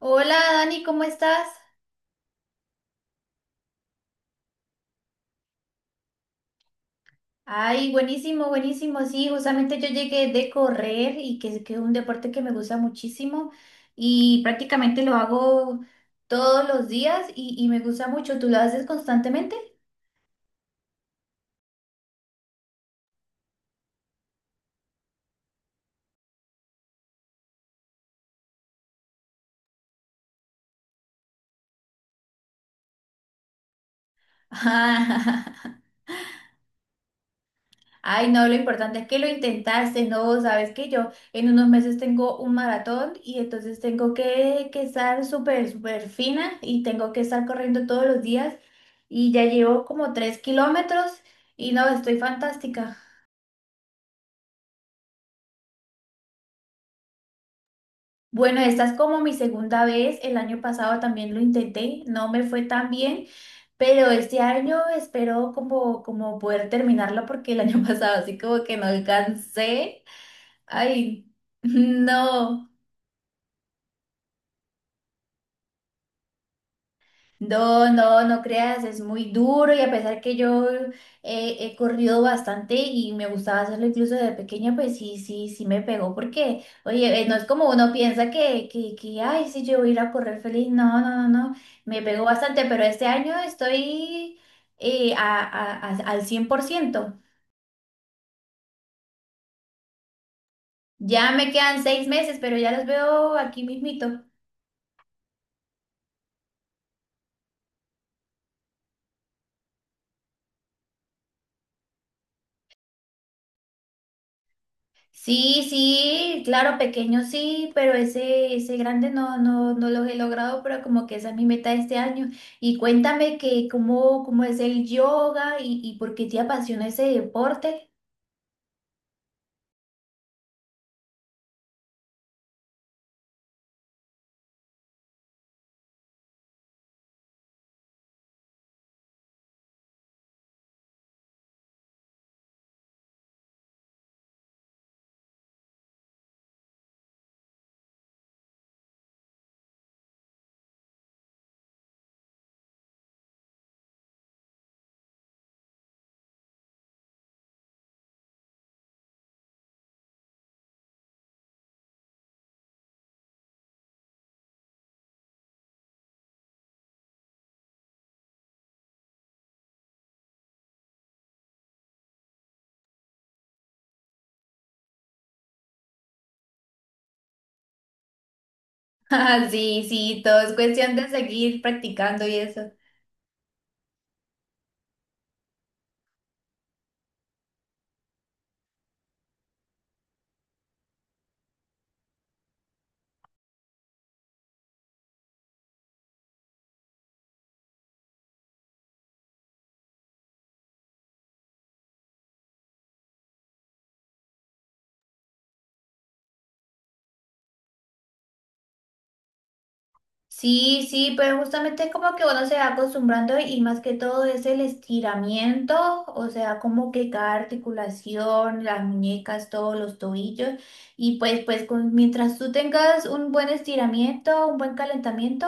Hola Dani, ¿cómo estás? Ay, buenísimo, buenísimo. Sí, justamente yo llegué de correr y que es un deporte que me gusta muchísimo y prácticamente lo hago todos los días y me gusta mucho. ¿Tú lo haces constantemente? Ay, no, lo importante es que lo intentaste, no, sabes que yo en unos meses tengo un maratón y entonces tengo que estar súper, súper fina y tengo que estar corriendo todos los días y ya llevo como 3 kilómetros y no, estoy fantástica. Bueno, esta es como mi segunda vez, el año pasado también lo intenté, no me fue tan bien, pero este año espero como poder terminarlo porque el año pasado así como que no alcancé. Ay, no. No, no, no creas, es muy duro y a pesar que yo he corrido bastante y me gustaba hacerlo incluso desde pequeña, pues sí, sí, sí me pegó porque, oye, no es como uno piensa que, ay, sí, yo voy a ir a correr feliz, no, no, no, no, me pegó bastante, pero este año estoy al 100%. Ya me quedan 6 meses, pero ya los veo aquí mismito. Sí, sí, claro, pequeño sí, pero ese grande no, no, no los he logrado, pero como que esa es mi meta de este año. Y cuéntame que cómo, cómo es el yoga y por qué te apasiona ese deporte. Ah, sí, sí, todo es cuestión de seguir practicando y eso. Sí, sí, pero justamente es como que uno se va acostumbrando y más que todo es el estiramiento, o sea, como que cada articulación, las muñecas, todos los tobillos, mientras tú tengas un buen estiramiento, un buen calentamiento,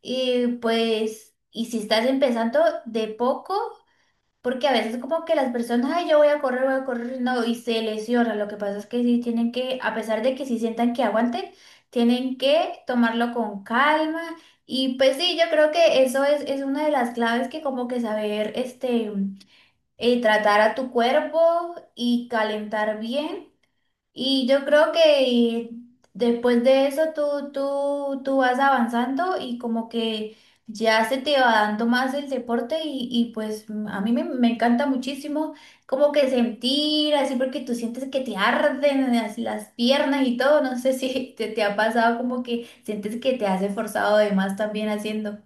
y pues, y si estás empezando de poco, porque a veces como que las personas, ay, yo voy a correr, no, y se lesionan. Lo que pasa es que sí tienen que, a pesar de que sí sientan que aguanten, tienen que tomarlo con calma. Y pues sí, yo creo que es una de las claves que como que saber, tratar a tu cuerpo y calentar bien y yo creo que después de eso tú vas avanzando y como que ya se te va dando más el deporte y a mí me encanta muchísimo como que sentir así porque tú sientes que te arden las piernas y todo. No sé si te ha pasado como que sientes que te has esforzado de más también haciendo.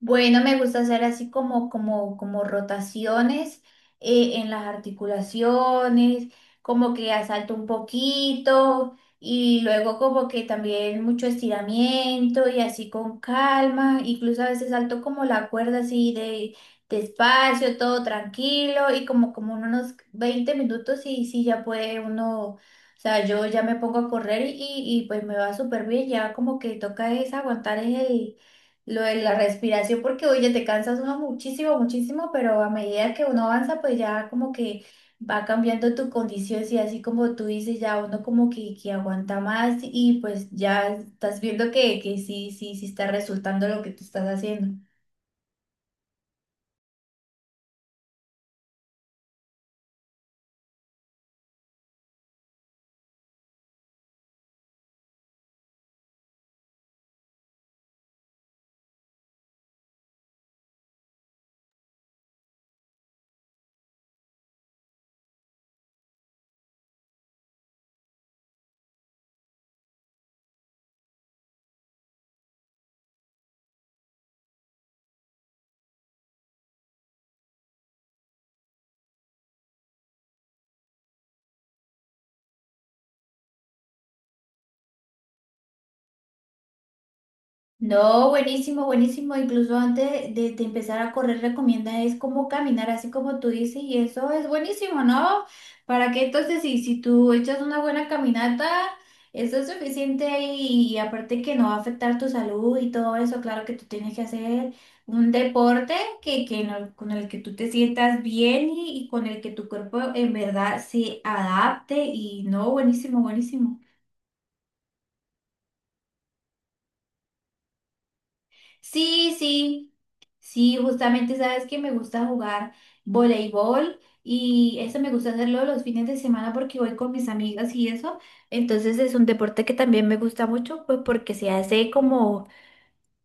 Bueno, me gusta hacer así como rotaciones en las articulaciones, como que asalto un poquito y luego como que también mucho estiramiento y así con calma, incluso a veces salto como la cuerda así de despacio, todo tranquilo y como en unos 20 minutos y sí ya puede uno, o sea, yo ya me pongo a correr y pues me va súper bien, ya como que toca es aguantar el lo de la respiración, porque oye, te cansas uno muchísimo, muchísimo, pero a medida que uno avanza, pues ya como que va cambiando tu condición, y así como tú dices, ya uno como que aguanta más y pues ya estás viendo que sí, sí, sí está resultando lo que tú estás haciendo. No, buenísimo, buenísimo. Incluso antes de empezar a correr, recomienda es como caminar, así como tú dices, y eso es buenísimo, ¿no? Para que entonces, si tú echas una buena caminata, eso es suficiente y aparte que no va a afectar tu salud y todo eso, claro que tú tienes que hacer un deporte que no- con el que tú te sientas bien y con el que tu cuerpo en verdad se adapte y no, buenísimo, buenísimo. Sí, sí, sí, justamente sabes que me gusta jugar voleibol y eso me gusta hacerlo los fines de semana porque voy con mis amigas y eso. Entonces es un deporte que también me gusta mucho, pues porque se hace como,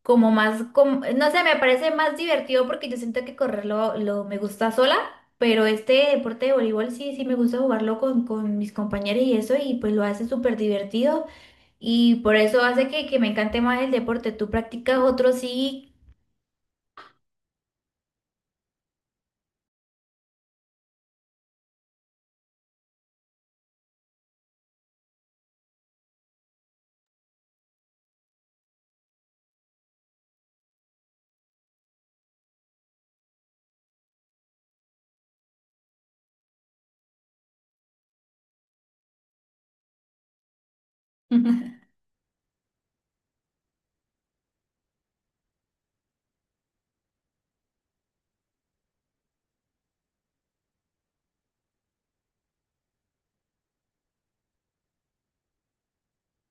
como más, com- no sé, me parece más divertido porque yo siento que me gusta sola, pero este deporte de voleibol sí, sí me gusta jugarlo con mis compañeros y eso y pues lo hace súper divertido y por eso hace que me encante más el deporte. ¿Tú practicas otro sí?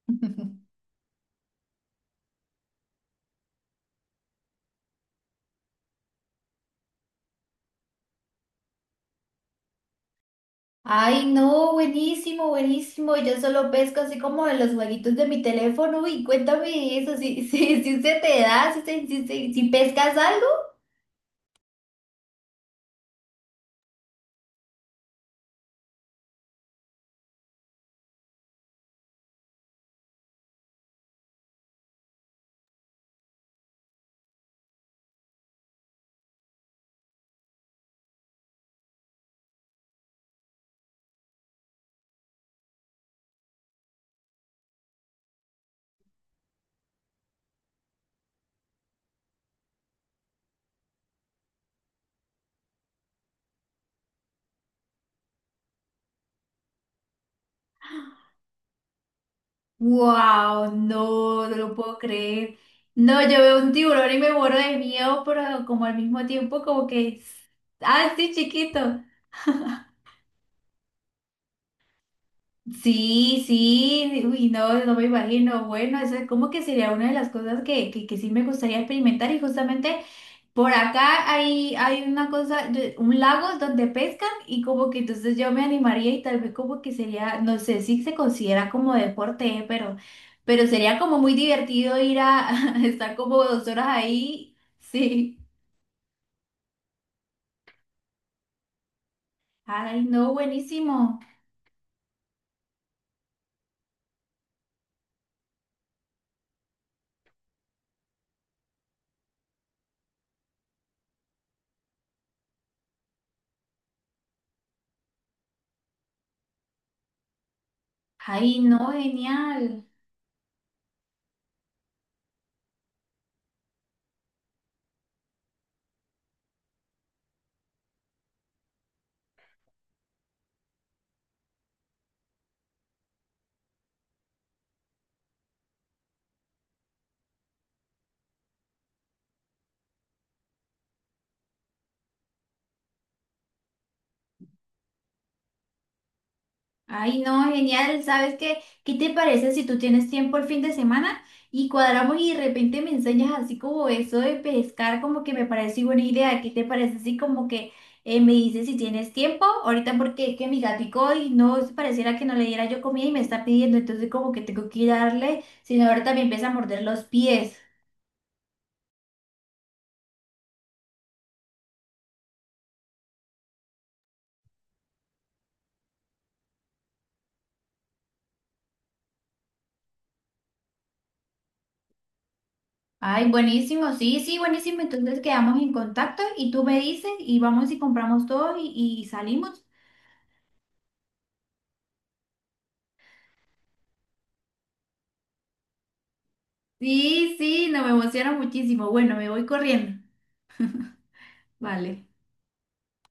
Ay, no, buenísimo, buenísimo. Yo solo pesco así como en los jueguitos de mi teléfono. Y cuéntame eso, si, si, si se te da, si, se- si, se- si pescas algo. ¡Wow! No, no lo puedo creer. No, yo veo un tiburón y me muero de miedo, pero como al mismo tiempo, como que, ah, sí, chiquito. Sí, sí, uy, no, no me imagino. Bueno, eso es como que sería una de las cosas que sí me gustaría experimentar y justamente. Por acá hay una cosa, de- un lago donde pescan y como que entonces yo me animaría y tal vez como que sería, no sé si se considera como deporte, ¿eh? Pero sería como muy divertido ir a, estar como 2 horas ahí. Sí. Ay, no, buenísimo. Ay, no, genial. Ay, no, genial. ¿Sabes qué? ¿Qué te parece si tú tienes tiempo el fin de semana y cuadramos y de repente me enseñas así como eso de pescar, como que me parece buena idea? ¿Qué te parece así como que me dices si tienes tiempo? Ahorita porque es que mi gatico y no pareciera que no le diera yo comida y me está pidiendo, entonces como que tengo que ir a darle, sino ahorita me empieza a morder los pies. Ay, buenísimo, sí, sí, buenísimo. Entonces quedamos en contacto y tú me dices y vamos y compramos todo y salimos. Sí, sí, no me emociona muchísimo. Bueno, me voy corriendo. Vale.